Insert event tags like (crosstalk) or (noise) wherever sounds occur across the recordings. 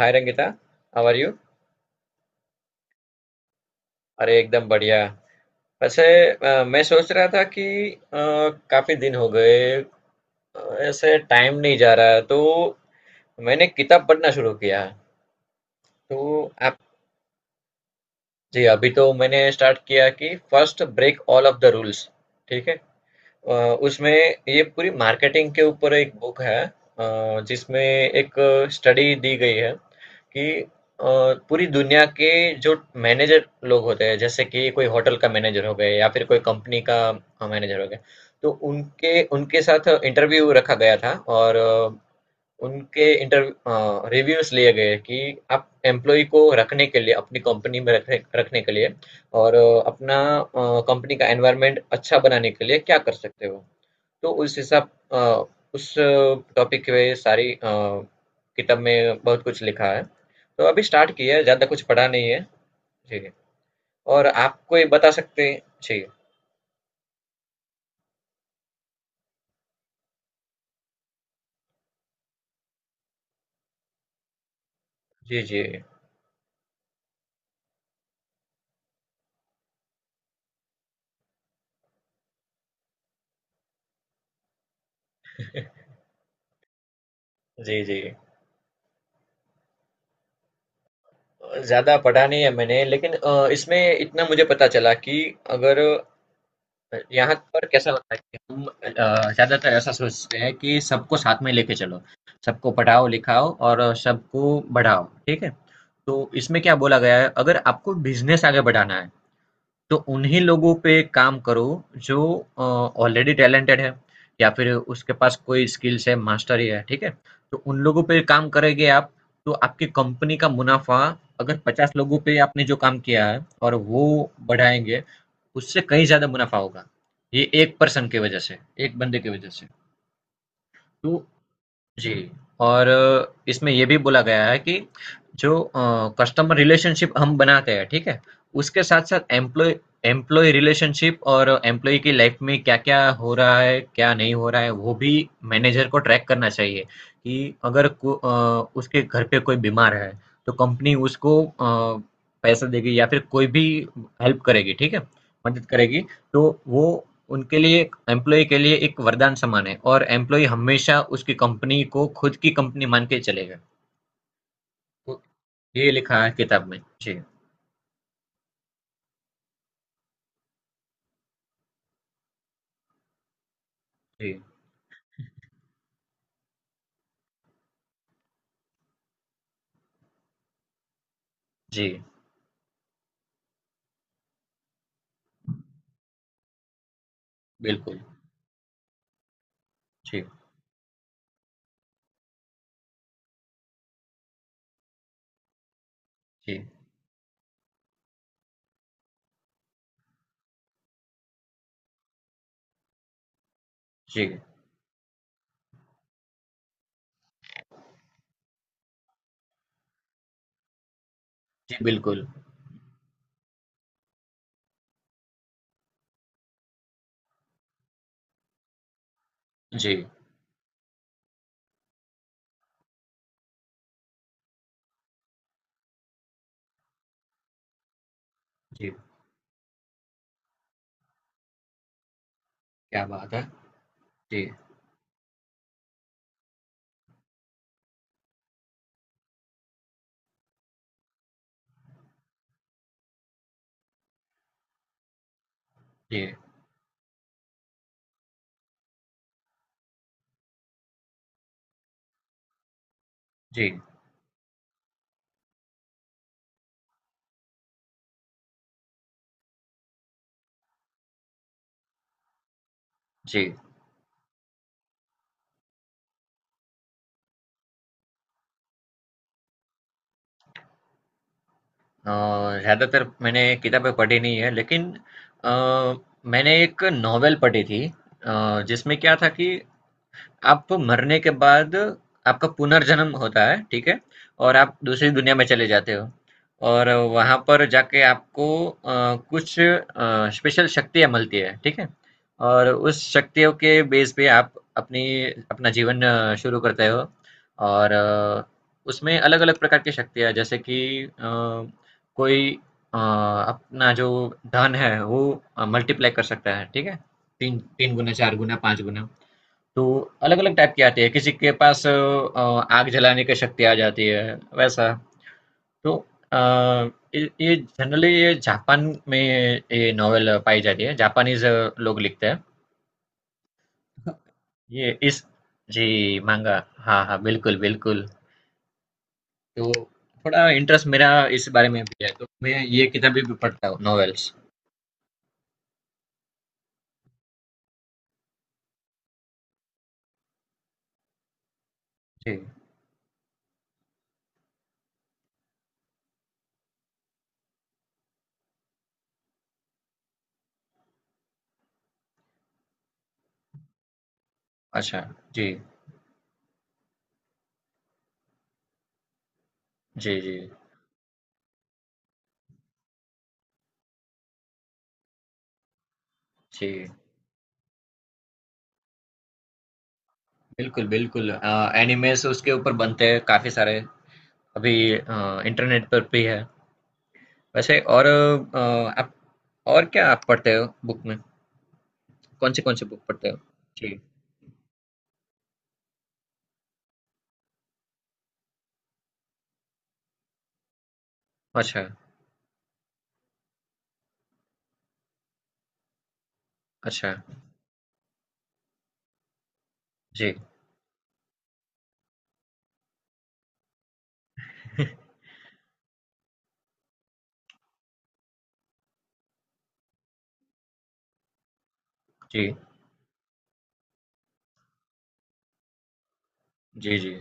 Hi Rangita. How are you. अरे एकदम बढ़िया। वैसे मैं सोच रहा था कि अ, काफी दिन हो गए। अ, ऐसे टाइम नहीं जा रहा है तो मैंने किताब पढ़ना शुरू किया। तो आप। जी अभी तो मैंने स्टार्ट किया कि first break all of the rules. ठीक है। अ, उसमें ये पूरी मार्केटिंग के ऊपर एक बुक है, जिसमें एक स्टडी दी गई है कि अ, पूरी दुनिया के जो मैनेजर लोग होते हैं, जैसे कि कोई होटल का मैनेजर हो गए या फिर कोई कंपनी का मैनेजर हो गए। तो उनके उनके साथ इंटरव्यू रखा गया था, और उनके इंटरव्यू रिव्यूज लिए गए कि आप एम्प्लॉय को रखने के लिए, अपनी कंपनी में रखने रखने के लिए, और अपना कंपनी का एनवायरनमेंट अच्छा बनाने के लिए क्या कर सकते हो। तो उस हिसाब उस टॉपिक पे सारी किताब में बहुत कुछ लिखा है। तो अभी स्टार्ट किया है, ज़्यादा कुछ पढ़ा नहीं है जी। और आपको ये बता सकते हैं जी। जी। जी। जी। जी, ज़्यादा पढ़ा नहीं है मैंने, लेकिन इसमें इतना मुझे पता चला कि अगर यहाँ पर कैसा लगता है कि हम ज़्यादातर ऐसा सोचते हैं कि सबको साथ में लेके चलो, सबको पढ़ाओ लिखाओ और सबको बढ़ाओ, ठीक है। तो इसमें क्या बोला गया है, अगर आपको बिजनेस आगे बढ़ाना है तो उन्हीं लोगों पे काम करो जो ऑलरेडी टैलेंटेड है, या फिर उसके पास कोई स्किल्स है, मास्टरी है, ठीक है? तो उन लोगों पे काम करेंगे आप, तो आपकी कंपनी का मुनाफ़ा, अगर 50 लोगों पे आपने जो काम किया है और वो बढ़ाएँगे, उससे कहीं ज़्यादा मुनाफ़ा होगा। ये 1 पर्सन की वजह से, 1 बंदे की वजह से। तो जी, और इसमें ये भी बोला गया है कि जो कस्टमर रिलेशनशिप हम बनाते हैं, ठीक है? उसके साथ-साथ एम्प्लॉयी रिलेशनशिप और एम्प्लॉयी की लाइफ में क्या-क्या हो रहा है, क्या नहीं हो रहा है, वो भी मैनेजर को ट्रैक करना चाहिए। कि अगर को उसके घर पे कोई बीमार है, तो कंपनी उसको पैसा देगी या फिर कोई भी हेल्प करेगी, ठीक है? मदद करेगी, तो वो उनके लिए, एम्प्लॉई के लिए एक वरदान समान है, और एम्प्लॉई हमेशा उसकी कंपनी को खुद की कंपनी मान के चलेगा। तो ये लिखा है किताब में जी। जी। जी, बिल्कुल। जी। जी। जी। जी, बिल्कुल। जी। जी, क्या बात है। जी जी। जी। जी। अ, ज़्यादातर मैंने किताबें पढ़ी नहीं है, लेकिन अ, मैंने एक नॉवेल पढ़ी थी, जिसमें क्या था कि आप मरने के बाद आपका पुनर्जन्म होता है, ठीक है? और आप दूसरी दुनिया में चले जाते हो, और वहाँ पर जाके आपको कुछ स्पेशल शक्तियाँ मिलती है, ठीक है? और उस शक्तियों के बेस पे आप अपनी अपना जीवन शुरू करते हो। और उसमें अलग-अलग प्रकार की शक्तियाँ, जैसे कि कोई अपना जो धन है वो मल्टीप्लाई कर सकता है, ठीक है? तीन तीन गुना, चार गुना, पाँच गुना। तो अलग अलग टाइप की आती है, किसी के पास आग जलाने की शक्ति आ जाती है, वैसा। तो अ, ये जनरली ये जापान में ये नॉवेल पाई जाती है, जापानीज लोग लिखते हैं। ये इस जी, मांगा। हाँ हाँ, बिल्कुल बिल्कुल। तो थोड़ा इंटरेस्ट मेरा इस बारे में भी है, तो मैं ये किताबें भी पढ़ता हूँ, नॉवेल्स। जी। अच्छा। जी। जी। जी। जी, बिल्कुल बिल्कुल। एनिमेस उसके ऊपर बनते हैं काफी सारे। अभी इंटरनेट पर भी है वैसे। और आप और क्या आप पढ़ते हो बुक में, कौन सी बुक पढ़ते हो। जी। अच्छा। अच्छा। जी। जी। जी। जी।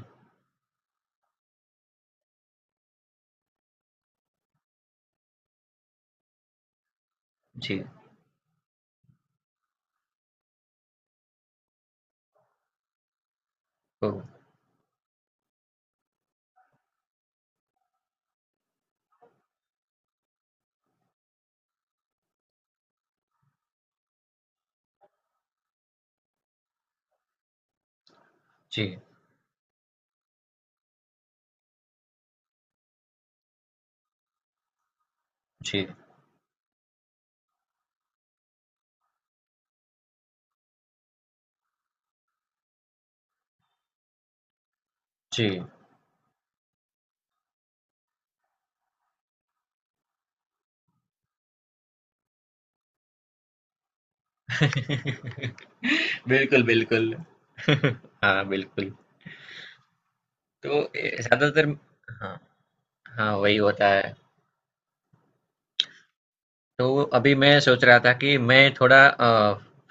जी। ओ। जी। जी। जी। (laughs) बिल्कुल बिल्कुल। (laughs) हाँ, बिल्कुल। तो ए, ज्यादातर। हाँ। हाँ, वही होता है। तो अभी मैं सोच रहा था कि मैं थोड़ा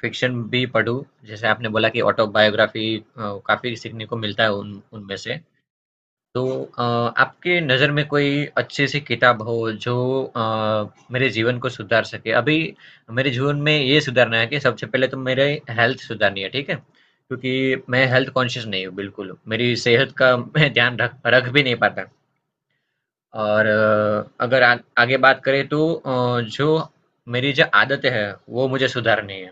फिक्शन भी पढूं, जैसे आपने बोला कि ऑटोबायोग्राफी। काफी सीखने को मिलता है उन उनमें से। तो आपके नज़र में कोई अच्छी सी किताब हो जो अ, मेरे जीवन को सुधार सके अभी। मेरे जीवन में ये सुधारना है कि सबसे पहले तो मेरे हेल्थ सुधारनी है, ठीक है, क्योंकि मैं हेल्थ कॉन्शियस नहीं हूँ बिल्कुल, मेरी सेहत का मैं ध्यान रख रख भी नहीं पाता। और अगर आ, आगे बात करें तो जो मेरी जो आदतें हैं वो मुझे सुधारनी है।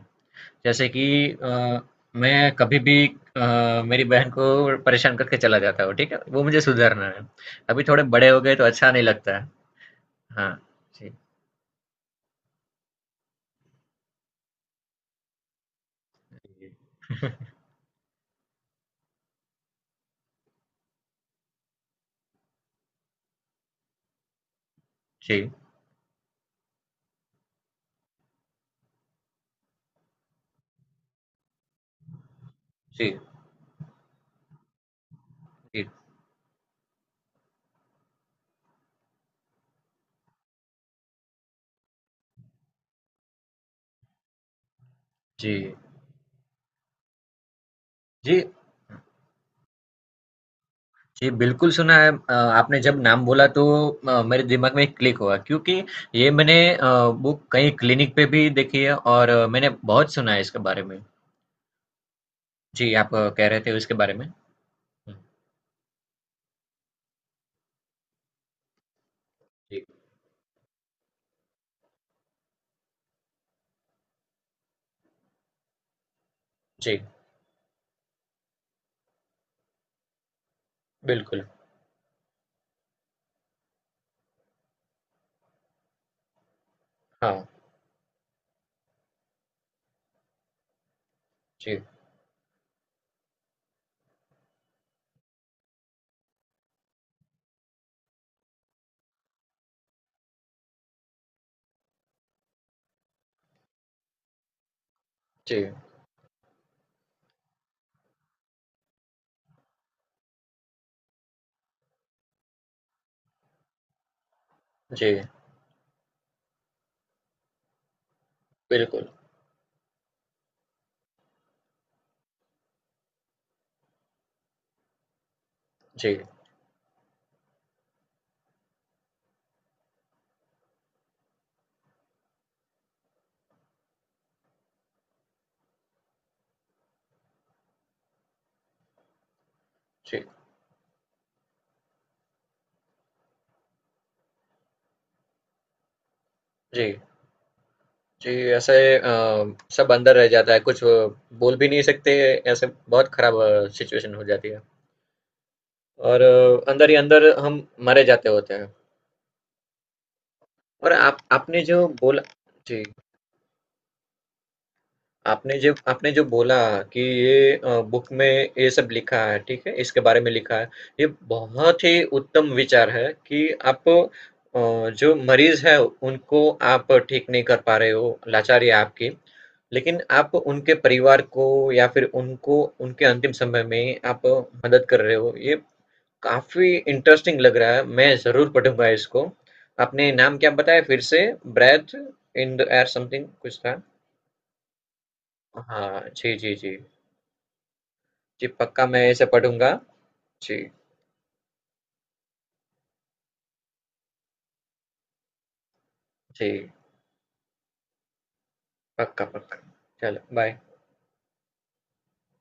जैसे कि अ, मैं कभी भी मेरी बहन को परेशान करके चला जाता हूँ, ठीक है, वो मुझे सुधारना है। अभी थोड़े बड़े हो गए तो अच्छा नहीं लगता है। हाँ। जी। जी। जी। जी। जी। जी। जी, बिल्कुल सुना है। आपने जब नाम बोला तो मेरे दिमाग में क्लिक हुआ, क्योंकि ये मैंने बुक कहीं क्लिनिक पे भी देखी है, और मैंने बहुत सुना है इसके बारे में। जी, आप कह रहे थे उसके बारे में? हुँ, जी, जी, बिल्कुल, हाँ, जी, जी, जी, बिल्कुल, जी, जी, जी, जी, ऐसे सब अंदर रह जाता है, कुछ बोल भी नहीं सकते, ऐसे बहुत खराब सिचुएशन हो जाती है। और अंदर ही अंदर हम मरे जाते होते हैं। और आप आपने जो बोला जी। आपने जब आपने जो बोला कि ये बुक में ये सब लिखा है, ठीक है, इसके बारे में लिखा है। ये बहुत ही उत्तम विचार है कि आप जो मरीज है उनको आप ठीक नहीं कर पा रहे हो, लाचारी है आपकी, लेकिन आप उनके परिवार को या फिर उनको, उनके अंतिम समय में आप मदद कर रहे हो, ये काफी इंटरेस्टिंग लग रहा है, मैं जरूर पढ़ूंगा इसको। आपने नाम क्या बताया फिर से? Breath in the air something, कुछ था। हाँ जी, जी, जी। जी, पक्का मैं इसे पढ़ूँगा। जी, जी, पक्का, पक्का। चलो, बाय।